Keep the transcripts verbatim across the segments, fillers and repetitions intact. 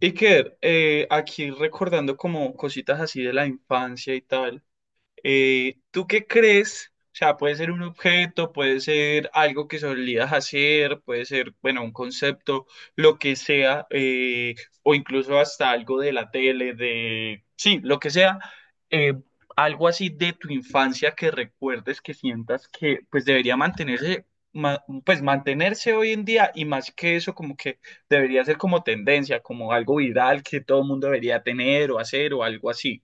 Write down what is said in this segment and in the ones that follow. Iker, eh, aquí recordando como cositas así de la infancia y tal, eh, ¿tú qué crees? O sea, puede ser un objeto, puede ser algo que solías hacer, puede ser, bueno, un concepto, lo que sea, eh, o incluso hasta algo de la tele, de, sí, lo que sea, eh, algo así de tu infancia que recuerdes, que sientas que pues debería mantenerse, ma- pues mantenerse hoy en día y más que eso, como que debería ser como tendencia, como algo viral que todo el mundo debería tener o hacer o algo así.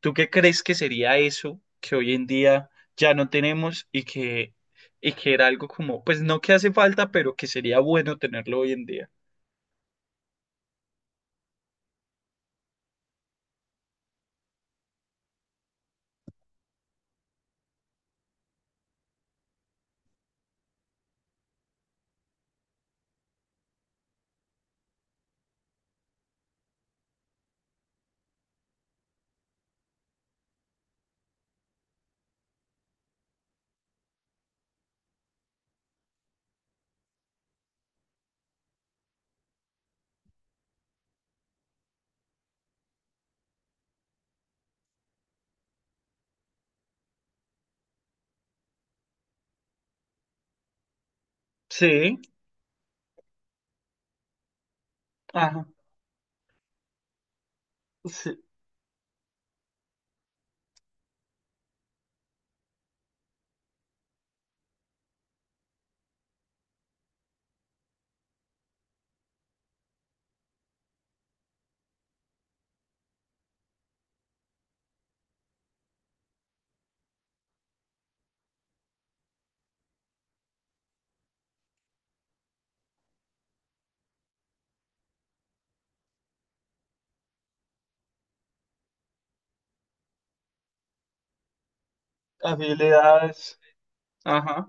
¿Tú qué crees que sería eso que hoy en día ya no tenemos y que, y que era algo como, pues no que hace falta, pero que sería bueno tenerlo hoy en día? Sí, ajá, sí, habilidades, ajá.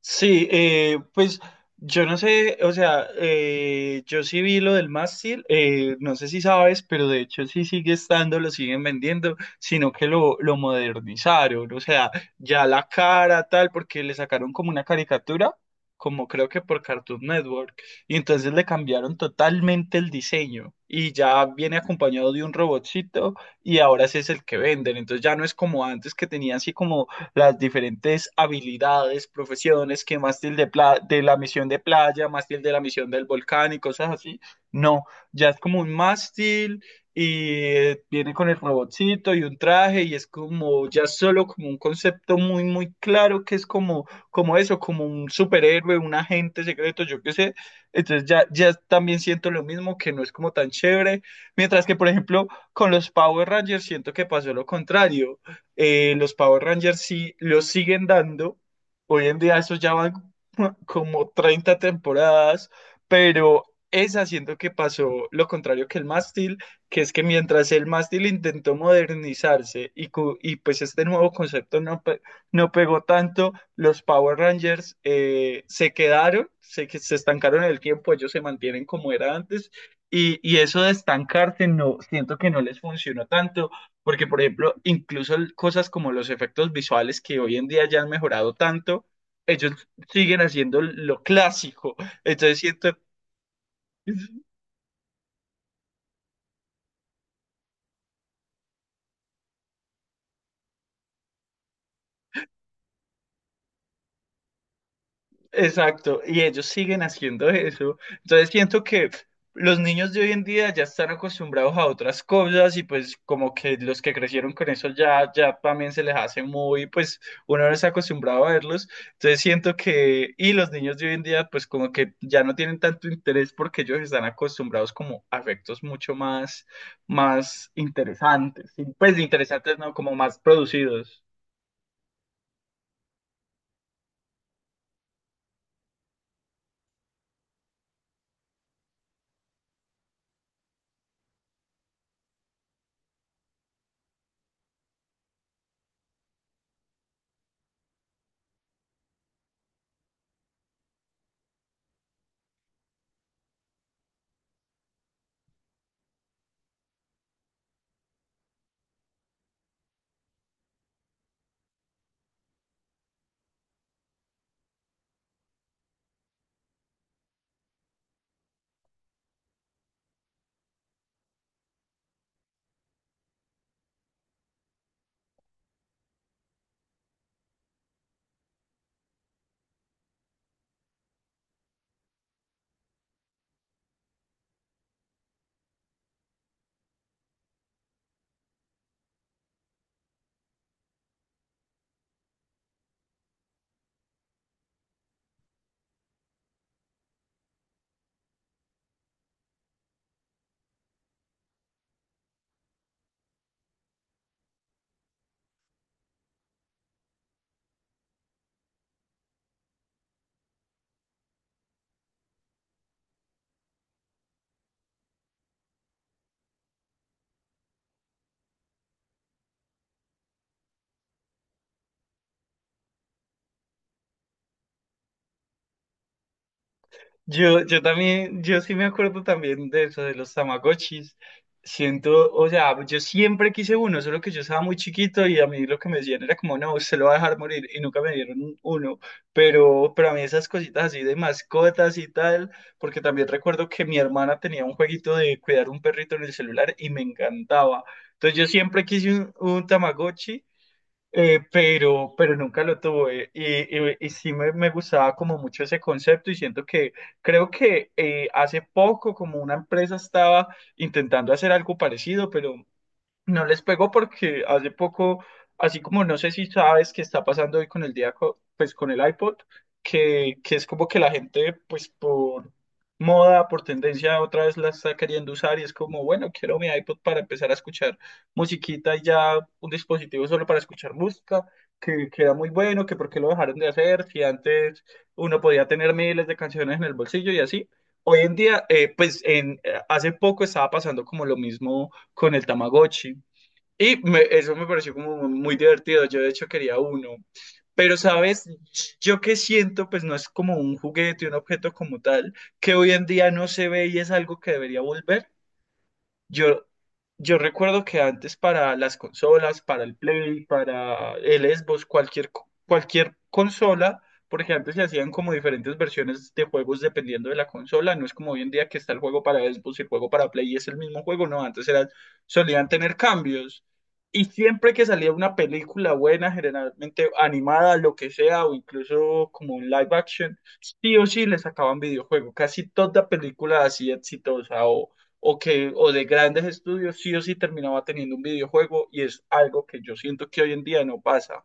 Sí, eh, pues yo no sé, o sea, eh, yo sí vi lo del mástil, eh, no sé si sabes, pero de hecho sí sigue estando, lo siguen vendiendo, sino que lo, lo modernizaron, o sea, ya la cara tal, porque le sacaron como una caricatura, como creo que por Cartoon Network, y entonces le cambiaron totalmente el diseño, y ya viene acompañado de un robotcito, y ahora ese es el que venden, entonces ya no es como antes que tenía así como las diferentes habilidades, profesiones que mástil de, pla- de la misión de playa, mástil de la misión del volcán y cosas así. No, ya es como un mástil y eh, viene con el robotcito y un traje y es como ya solo como un concepto muy, muy claro que es como, como eso, como un superhéroe, un agente secreto, yo qué sé. Entonces ya, ya también siento lo mismo, que no es como tan chévere. Mientras que, por ejemplo, con los Power Rangers siento que pasó lo contrario. Eh, los Power Rangers sí los siguen dando. Hoy en día esos ya van como treinta temporadas, pero es haciendo que pasó lo contrario que el mástil, que es que mientras el mástil intentó modernizarse y, cu- y pues este nuevo concepto no, pe- no pegó tanto, los Power Rangers eh, se quedaron, se, que- se estancaron en el tiempo, ellos se mantienen como era antes. Y, y eso de estancarse no, siento que no les funcionó tanto porque, por ejemplo, incluso el- cosas como los efectos visuales que hoy en día ya han mejorado tanto, ellos siguen haciendo lo clásico. Entonces siento, exacto, y ellos siguen haciendo eso. Entonces siento que los niños de hoy en día ya están acostumbrados a otras cosas y pues como que los que crecieron con eso ya, ya también se les hace muy, pues uno no está acostumbrado a verlos. Entonces siento que, y los niños de hoy en día pues como que ya no tienen tanto interés porque ellos están acostumbrados como a efectos mucho más, más interesantes, y, pues interesantes no, como más producidos. Yo, yo también, yo sí me acuerdo también de eso, de los Tamagotchis. Siento, o sea, yo siempre quise uno, solo que yo estaba muy chiquito y a mí lo que me decían era como, no, usted lo va a dejar morir y nunca me dieron un- uno. Pero, pero a mí esas cositas así de mascotas y tal, porque también recuerdo que mi hermana tenía un jueguito de cuidar un perrito en el celular y me encantaba. Entonces yo siempre quise un, un Tamagotchi. Eh, pero, pero nunca lo tuve y, y, y sí me, me gustaba como mucho ese concepto y siento que creo que eh, hace poco como una empresa estaba intentando hacer algo parecido, pero no les pegó porque hace poco, así como no sé si sabes qué está pasando hoy con el día, co- pues con el iPod, que, que es como que la gente, pues por moda, por tendencia, otra vez la está queriendo usar y es como, bueno, quiero mi iPod para empezar a escuchar musiquita y ya un dispositivo solo para escuchar música, que, que era muy bueno, que por qué lo dejaron de hacer, si antes uno podía tener miles de canciones en el bolsillo y así. Hoy en día, eh, pues en, eh, hace poco estaba pasando como lo mismo con el Tamagotchi. Y me- eso me pareció como muy divertido. Yo de hecho quería uno. Pero, ¿sabes? Yo que siento, pues no es como un juguete, un objeto como tal, que hoy en día no se ve y es algo que debería volver. Yo, yo recuerdo que antes para las consolas, para el Play, para el Xbox, cualquier, co- cualquier consola, porque antes se hacían como diferentes versiones de juegos dependiendo de la consola, no es como hoy en día que está el juego para Xbox y el juego para Play y es el mismo juego, no, antes eran, solían tener cambios. Y siempre que salía una película buena, generalmente animada, lo que sea, o incluso como un live action, sí o sí le sacaban videojuego. Casi toda película así exitosa o que o de grandes estudios sí o sí terminaba teniendo un videojuego y es algo que yo siento que hoy en día no pasa.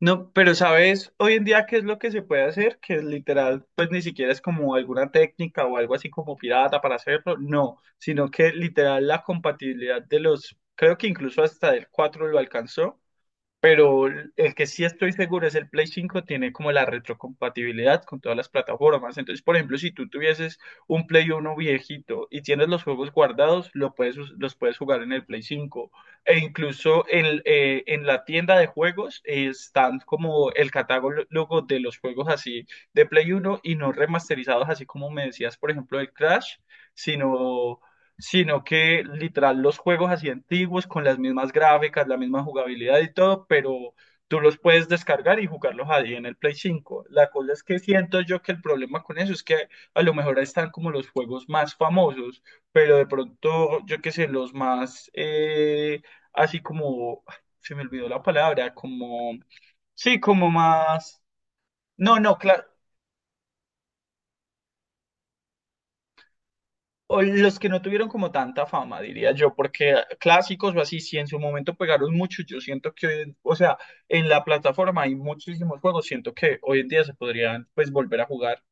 No, pero sabes, hoy en día qué es lo que se puede hacer, que literal, pues ni siquiera es como alguna técnica o algo así como pirata para hacerlo, no, sino que literal la compatibilidad de los, creo que incluso hasta el cuatro lo alcanzó, pero el que sí estoy seguro es el Play cinco tiene como la retrocompatibilidad con todas las plataformas. Entonces, por ejemplo, si tú tuvieses un Play uno viejito y tienes los juegos guardados, lo puedes, us- los puedes jugar en el Play cinco. E incluso en, eh, en la tienda de juegos eh, están como el catálogo de los juegos así de Play uno y no remasterizados, así como me decías, por ejemplo, el Crash, sino sino que literal los juegos así antiguos con las mismas gráficas, la misma jugabilidad y todo, pero tú los puedes descargar y jugarlos ahí en el Play cinco. La cosa es que siento yo que el problema con eso es que a lo mejor ahí están como los juegos más famosos, pero de pronto, yo qué sé, los más eh, así como, ay, se me olvidó la palabra, como, sí, como más... No, no, claro, o los que no tuvieron como tanta fama, diría yo, porque clásicos o así, si en su momento pegaron mucho, yo siento que, hoy en- o sea, en la plataforma hay muchísimos juegos, siento que hoy en día se podrían pues volver a jugar.